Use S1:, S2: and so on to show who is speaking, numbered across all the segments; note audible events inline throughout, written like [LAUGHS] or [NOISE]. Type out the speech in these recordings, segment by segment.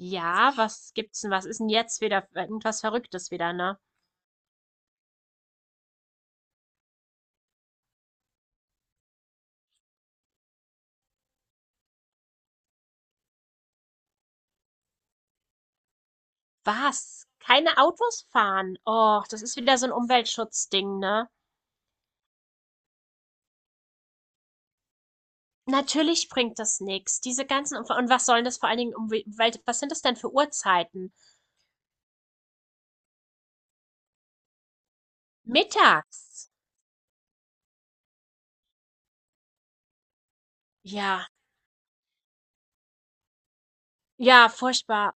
S1: Ja, was gibt's denn? Was ist denn jetzt wieder irgendwas Verrücktes wieder, ne? Was? Keine Autos fahren? Oh, das ist wieder so ein Umweltschutzding, ne? Natürlich bringt das nichts. Diese ganzen und was sollen das vor allen Dingen um was sind das denn für Uhrzeiten? Mittags. Ja, ja, furchtbar.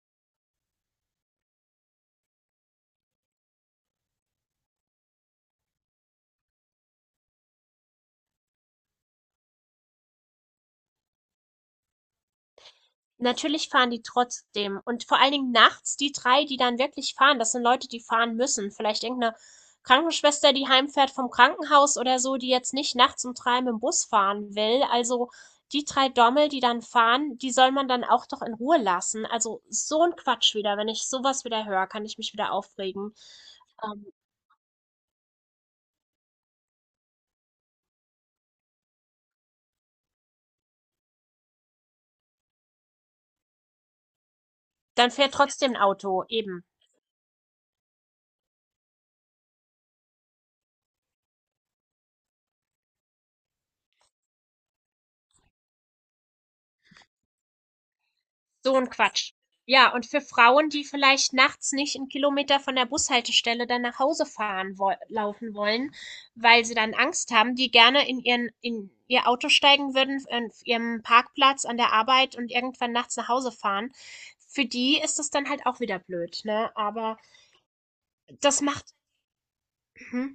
S1: Natürlich fahren die trotzdem. Und vor allen Dingen nachts die 3, die dann wirklich fahren, das sind Leute, die fahren müssen. Vielleicht irgendeine Krankenschwester, die heimfährt vom Krankenhaus oder so, die jetzt nicht nachts um 3 mit'm Bus fahren will. Also, die 3 Dommel, die dann fahren, die soll man dann auch doch in Ruhe lassen. Also, so ein Quatsch wieder. Wenn ich sowas wieder höre, kann ich mich wieder aufregen. Ähm, Dann fährt trotzdem ein Auto, eben. So ein Quatsch. Ja, und für Frauen, die vielleicht nachts nicht 'n Kilometer von der Bushaltestelle dann nach Hause fahren woll laufen wollen, weil sie dann Angst haben, die gerne in ihr Auto steigen würden, an ihrem Parkplatz an der Arbeit und irgendwann nachts nach Hause fahren. Für die ist das dann halt auch wieder blöd, ne? Aber das macht mhm,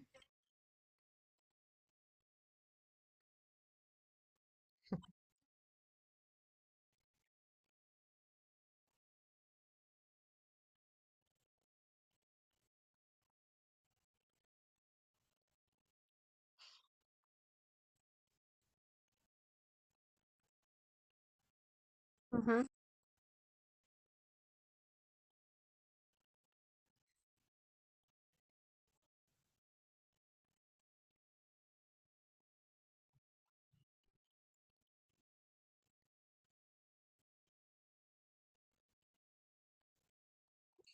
S1: mhm.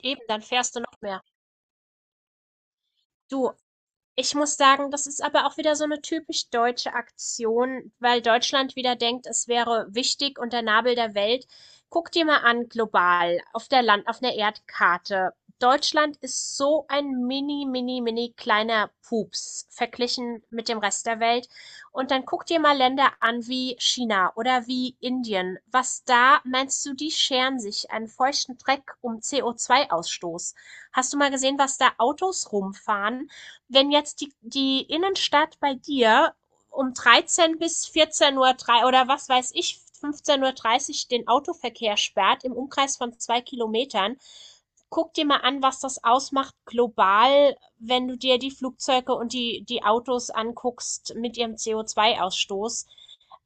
S1: Eben, dann fährst du noch mehr. Du Ich muss sagen, das ist aber auch wieder so eine typisch deutsche Aktion, weil Deutschland wieder denkt, es wäre wichtig und der Nabel der Welt. Guck dir mal an global auf der Land auf 'ner Erdkarte. Deutschland ist so ein mini, mini, mini kleiner Pups verglichen mit dem Rest der Welt. Und dann guck dir mal Länder an wie China oder wie Indien. Was da meinst du, die scheren sich einen feuchten Dreck um CO2-Ausstoß? Hast du mal gesehen, was da Autos rumfahren? Wenn jetzt die Innenstadt bei dir um 13 bis 14 Uhr oder was weiß ich, 15:30 Uhr den Autoverkehr sperrt im Umkreis von 2 Kilometern, guck dir mal an, was das ausmacht global, wenn du dir die Flugzeuge und die Autos anguckst mit ihrem CO2-Ausstoß.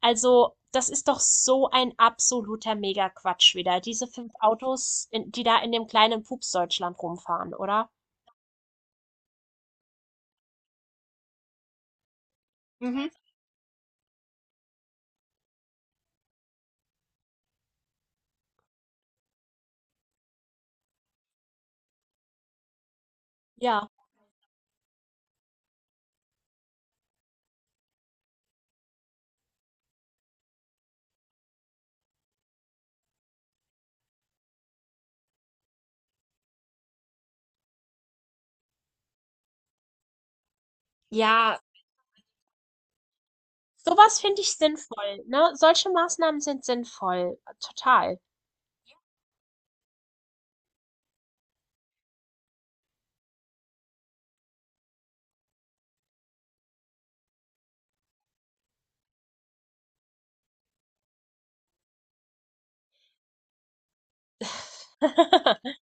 S1: Also, das ist doch so ein absoluter Mega-Quatsch wieder. Diese fünf Autos, die da in dem kleinen Pups Deutschland rumfahren, oder? Mhm. Ja. Ja, sowas finde ich sinnvoll, ne? Solche Maßnahmen sind sinnvoll, total. [LAUGHS]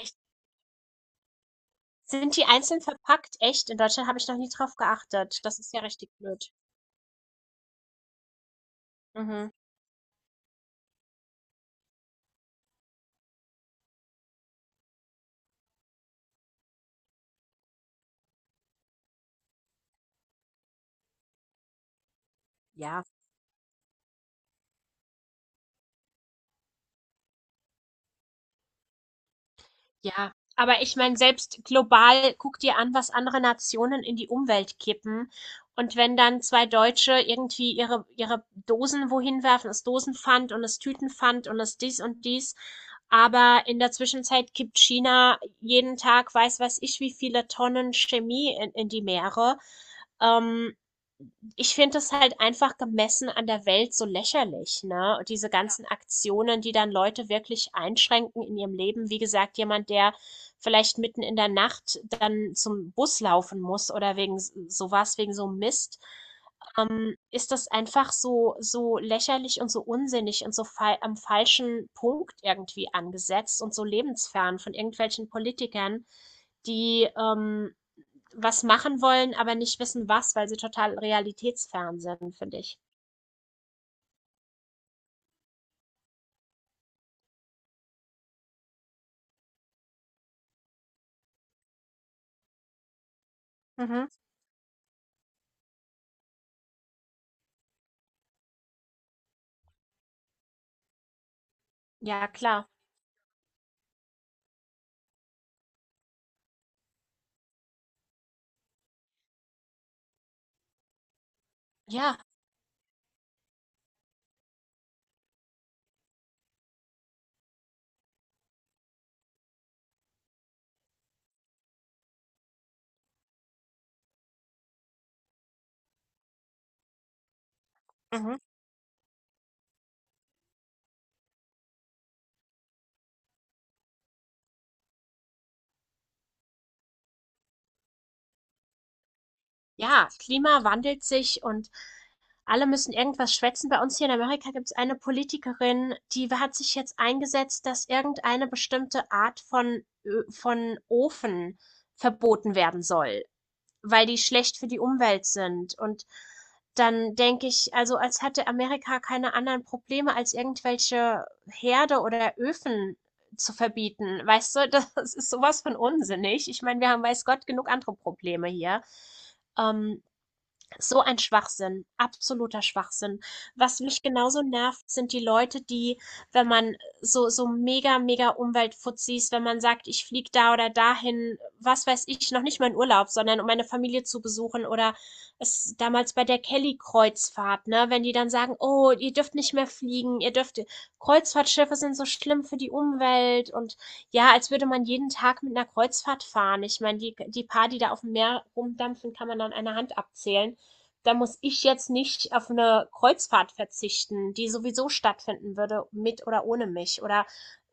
S1: Echt, sind die einzeln verpackt? Echt? In Deutschland habe ich noch nie drauf geachtet. Das ist ja richtig blöd. Mhm. Ja. Ja, aber ich meine, selbst global guck dir an, was andere Nationen in die Umwelt kippen. Und wenn dann zwei Deutsche irgendwie ihre Dosen wohin werfen, das Dosenpfand und das Tütenpfand und das dies und dies. Aber in der Zwischenzeit kippt China jeden Tag, weiß ich, wie viele Tonnen Chemie in die Meere. Ähm, Ich finde es halt einfach gemessen an der Welt so lächerlich, ne? Und diese ganzen Aktionen, die dann Leute wirklich einschränken in ihrem Leben. Wie gesagt, jemand, der vielleicht mitten in der Nacht dann zum Bus laufen muss oder sowas, wegen so Mist, ist das einfach so, so lächerlich und so unsinnig und so fa am falschen Punkt irgendwie angesetzt und so lebensfern von irgendwelchen Politikern, die, was machen wollen, aber nicht wissen, was, weil sie total realitätsfern sind, finde ich. Mhm. Ja, klar. Ja. Mhm. Ja, Klima wandelt sich und alle müssen irgendwas schwätzen. Bei uns hier in Amerika gibt es eine Politikerin, die hat sich jetzt eingesetzt, dass irgendeine bestimmte Art von Ö von Ofen verboten werden soll, weil die schlecht für die Umwelt sind. Und dann denke ich, also als hätte Amerika keine anderen Probleme, als irgendwelche Herde oder Öfen zu verbieten. Weißt du, [LAUGHS] das ist sowas von unsinnig. Ich meine, wir haben weiß Gott genug andere Probleme hier. Ähm, so ein Schwachsinn, absoluter Schwachsinn. Was mich genauso nervt, sind die Leute, die, wenn man so, so mega, mega Umweltfuzis, wenn man sagt, ich fliege da oder dahin, was weiß ich, noch nicht mal in Urlaub, sondern um meine Familie zu besuchen oder es damals bei der Kelly-Kreuzfahrt, ne, wenn die dann sagen, oh, ihr dürft nicht mehr fliegen, ihr dürft, Kreuzfahrtschiffe sind so schlimm für die Umwelt und ja, als würde man jeden Tag mit einer Kreuzfahrt fahren. Ich meine, die, die paar, die da auf dem Meer rumdampfen, kann man an einer Hand abzählen. Da muss ich jetzt nicht auf eine Kreuzfahrt verzichten, die sowieso stattfinden würde, mit oder ohne mich. Oder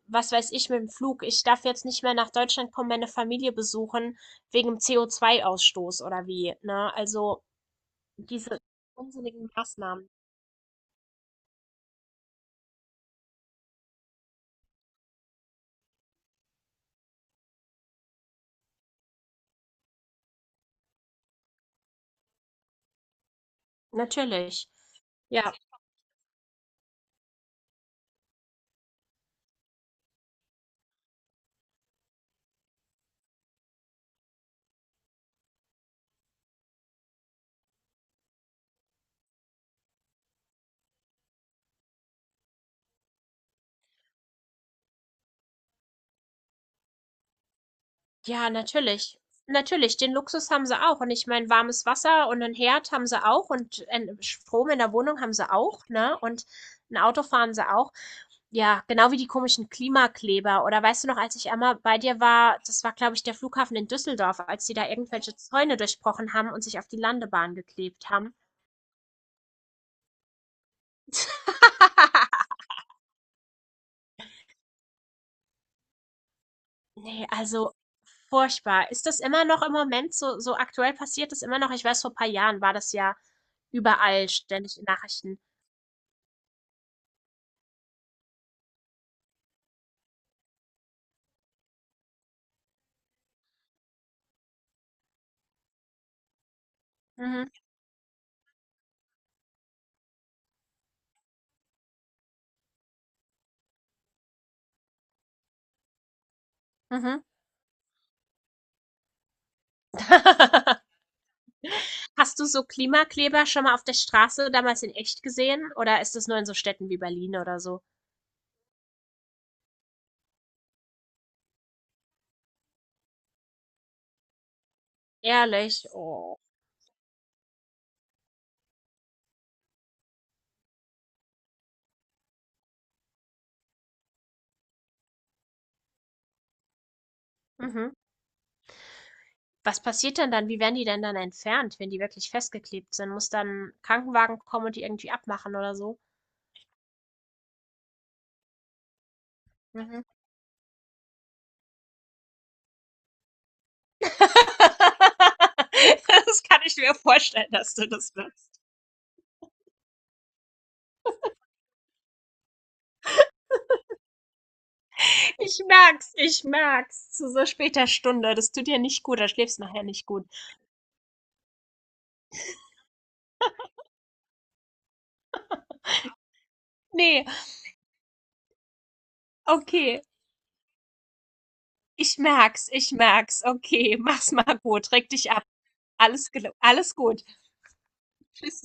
S1: was weiß ich mit dem Flug. Ich darf jetzt nicht mehr nach Deutschland kommen, meine Familie besuchen, wegen dem CO2-Ausstoß oder wie. Ne? Also diese unsinnigen Maßnahmen. Natürlich. Ja. Ja, natürlich. Natürlich, den Luxus haben sie auch. Und ich meine, warmes Wasser und einen Herd haben sie auch und ein Strom in der Wohnung haben sie auch, ne? Und ein Auto fahren sie auch. Ja, genau wie die komischen Klimakleber. Oder weißt du noch, als ich einmal bei dir war, das war, glaube ich, der Flughafen in Düsseldorf, als die da irgendwelche Zäune durchbrochen haben und sich auf die Landebahn geklebt haben. [LAUGHS] Nee, also furchtbar. Ist das immer noch im Moment so aktuell, passiert das immer noch? Ich weiß, vor ein paar Jahren war das ja überall ständig in Nachrichten. Mhm, mhm. [LAUGHS] Hast du so Klimakleber schon mal auf der Straße damals in echt gesehen oder ist das nur in so Städten wie Berlin oder so? Ehrlich? Oh. Mhm. Was passiert denn dann? Wie werden die denn dann entfernt, wenn die wirklich festgeklebt sind? Muss dann 'n Krankenwagen kommen und die irgendwie abmachen oder so? Mhm. [LAUGHS] Das kann ich mir vorstellen, dass du das machst. Ich merk's, ich merk's. Zu so später Stunde. Das tut dir nicht gut, da schläfst nachher nicht gut. Nee, okay. Ich merk's, ich merk's. Okay, mach's mal gut. Reg dich ab. Alles, gel- alles gut. Tschüss.